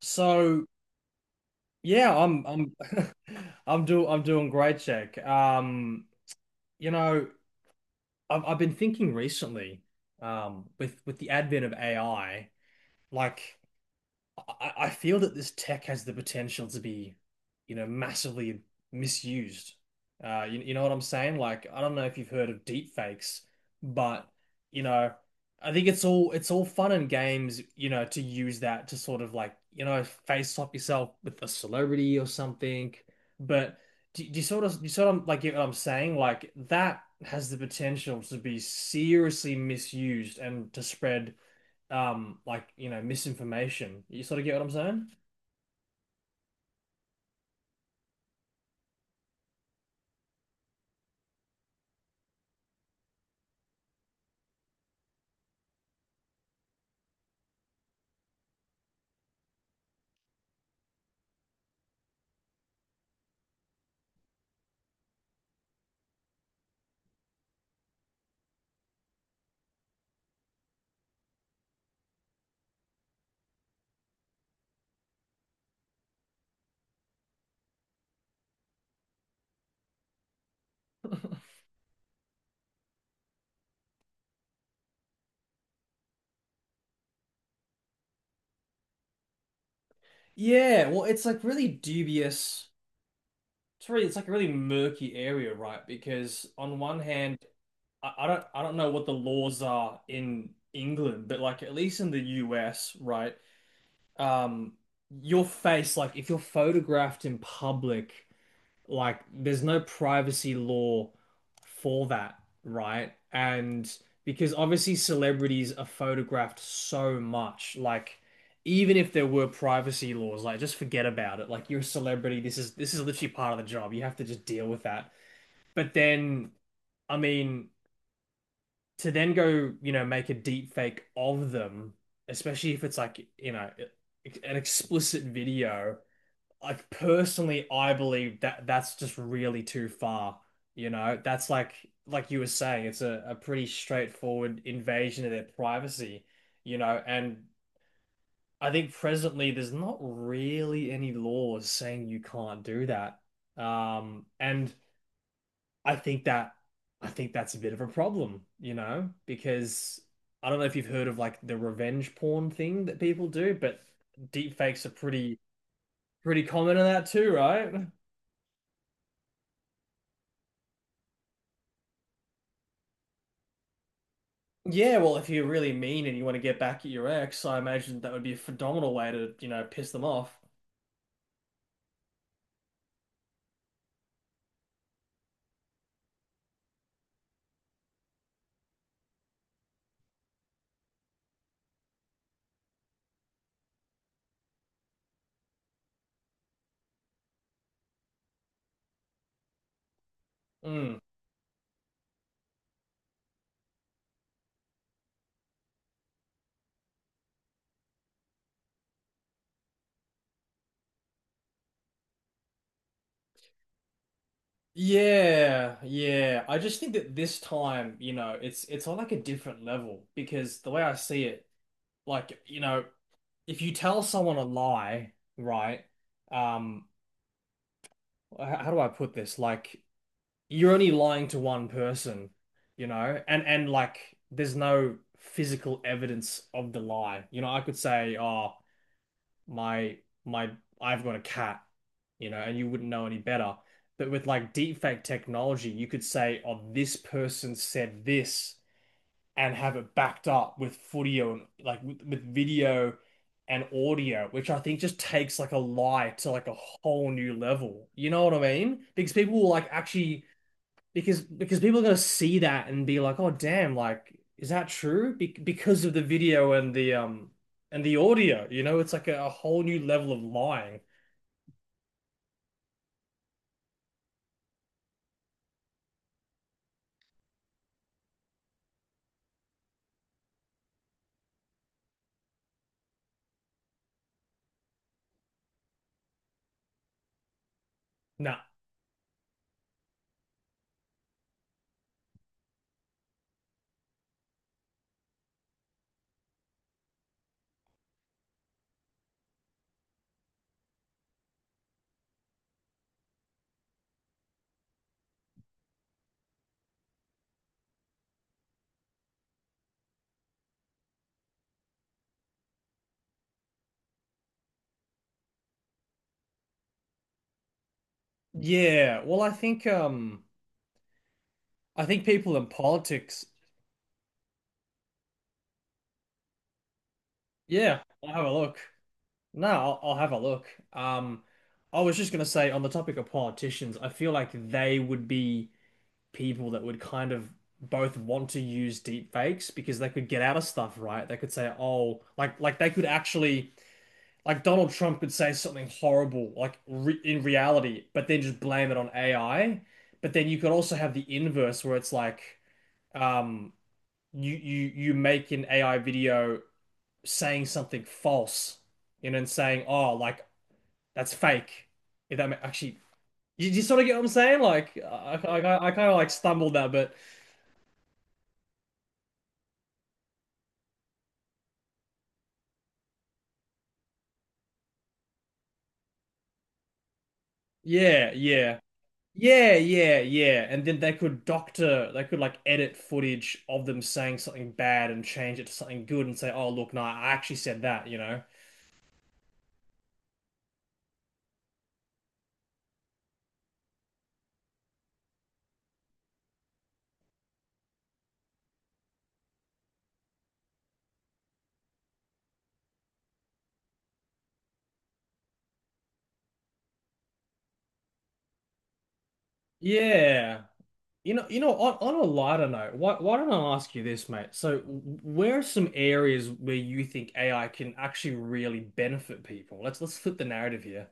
So yeah, I'm I'm doing great, Jack. You know, I've been thinking recently, with the advent of AI, like. I feel that this tech has the potential to be, you know, massively misused. You know what I'm saying? Like, I don't know if you've heard of deep fakes, but you know, I think it's all fun and games, you know, to use that to sort of like, you know, face swap yourself with a celebrity or something. But do you sort of like get what I'm saying? Like that has the potential to be seriously misused and to spread like you know misinformation. You sort of get what I'm saying? Yeah, well, it's like really dubious. It's like a really murky area, right? Because on one hand, I don't know what the laws are in England, but like at least in the US, right? Um, your face, like if you're photographed in public, like there's no privacy law for that, right? And because obviously celebrities are photographed so much, like even if there were privacy laws, like just forget about it. Like you're a celebrity, this is literally part of the job. You have to just deal with that. But then, I mean, to then go, you know, make a deep fake of them, especially if it's like, you know, an explicit video, like personally, I believe that that's just really too far. You know, that's like you were saying, it's a pretty straightforward invasion of their privacy, you know, and I think presently there's not really any laws saying you can't do that. And I think that I think that's a bit of a problem, you know, because I don't know if you've heard of like the revenge porn thing that people do, but deep fakes are pretty pretty common in that too, right? Yeah, well, if you're really mean and you want to get back at your ex, I imagine that would be a phenomenal way to, you know, piss them off. Mm. Yeah, yeah. I just think that this time, you know, it's on like a different level because the way I see it, like, you know, if you tell someone a lie, right? Um, how do I put this? Like, you're only lying to one person, you know, and like, there's no physical evidence of the lie. You know, I could say, oh, my my I've got a cat, you know, and you wouldn't know any better. But with like deepfake technology, you could say, "Oh, this person said this," and have it backed up with footage and like with video and audio, which I think just takes like a lie to like a whole new level. You know what I mean? Because people will like actually because people are gonna see that and be like, oh damn, like is that true? Be Because of the video and the audio, you know, it's like a whole new level of lying. Nah, yeah. Well, I think people in politics, yeah, I'll have a look. No, I'll have a look. Um, I was just gonna say on the topic of politicians, I feel like they would be people that would kind of both want to use deep fakes because they could get out of stuff, right? They could say, oh, like they could actually like Donald Trump could say something horrible, like re in reality, but then just blame it on AI. But then you could also have the inverse where it's like um you make an AI video saying something false, you know, and saying, oh, like that's fake. If that ma- actually, you sort of get what I'm saying? Like, I kind of like stumbled that, but yeah, yeah. Yeah, yeah, yeah. And then they could like edit footage of them saying something bad and change it to something good and say, "Oh, look, no, I actually said that," you know. Yeah. You know, on a lighter note, why don't I ask you this, mate? So, where are some areas where you think AI can actually really benefit people? Let's flip the narrative here.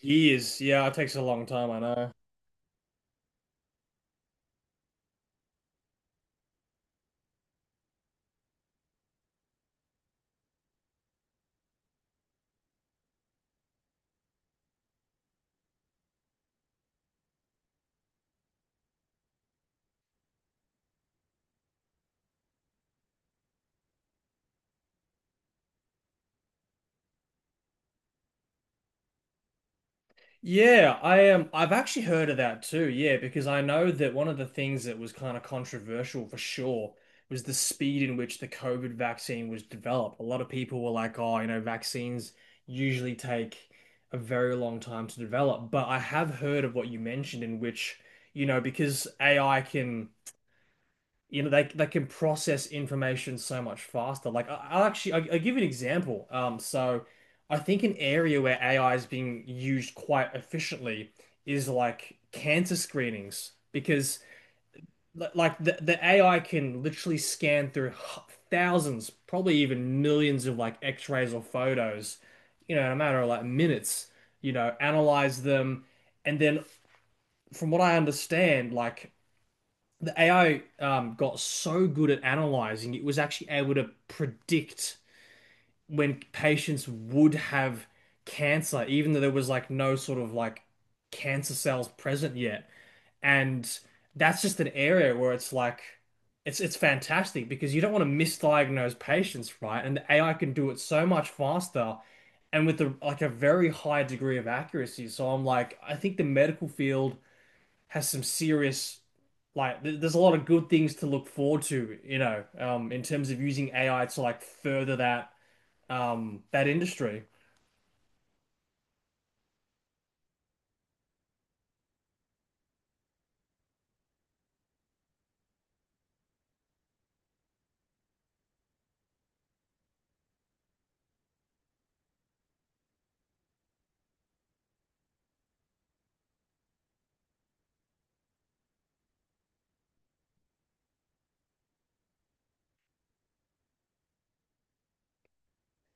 Years. Yeah, it takes a long time, I know. Yeah, I am. I've actually heard of that too. Yeah, because I know that one of the things that was kind of controversial for sure was the speed in which the COVID vaccine was developed. A lot of people were like, oh, you know, vaccines usually take a very long time to develop. But I have heard of what you mentioned, in which, you know, because AI can you know they can process information so much faster. Like I'll give you an example. So I think an area where AI is being used quite efficiently is like cancer screenings because like the AI can literally scan through thousands, probably even millions of like X-rays or photos, you know, in a matter of like minutes. You know, analyze them, and then from what I understand, like the AI got so good at analyzing, it was actually able to predict when patients would have cancer, even though there was like no sort of like cancer cells present yet. And that's just an area where it's like it's fantastic because you don't want to misdiagnose patients, right? And the AI can do it so much faster and with like a very high degree of accuracy. So I'm like, I think the medical field has some serious there's a lot of good things to look forward to, you know, in terms of using AI to like further that that industry.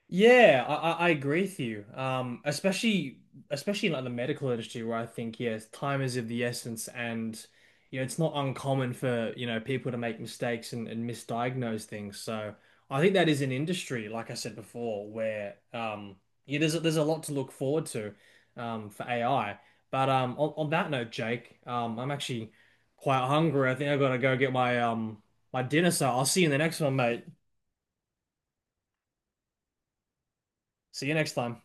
Yeah, I agree with you. Especially in like the medical industry where I think yes, time is of the essence and you know it's not uncommon for you know people to make mistakes and misdiagnose things. So I think that is an industry, like I said before, where yeah, there's there's a lot to look forward to for AI. But on that note, Jake, I'm actually quite hungry. I think I've got to go get my my dinner, so I'll see you in the next one, mate. See you next time.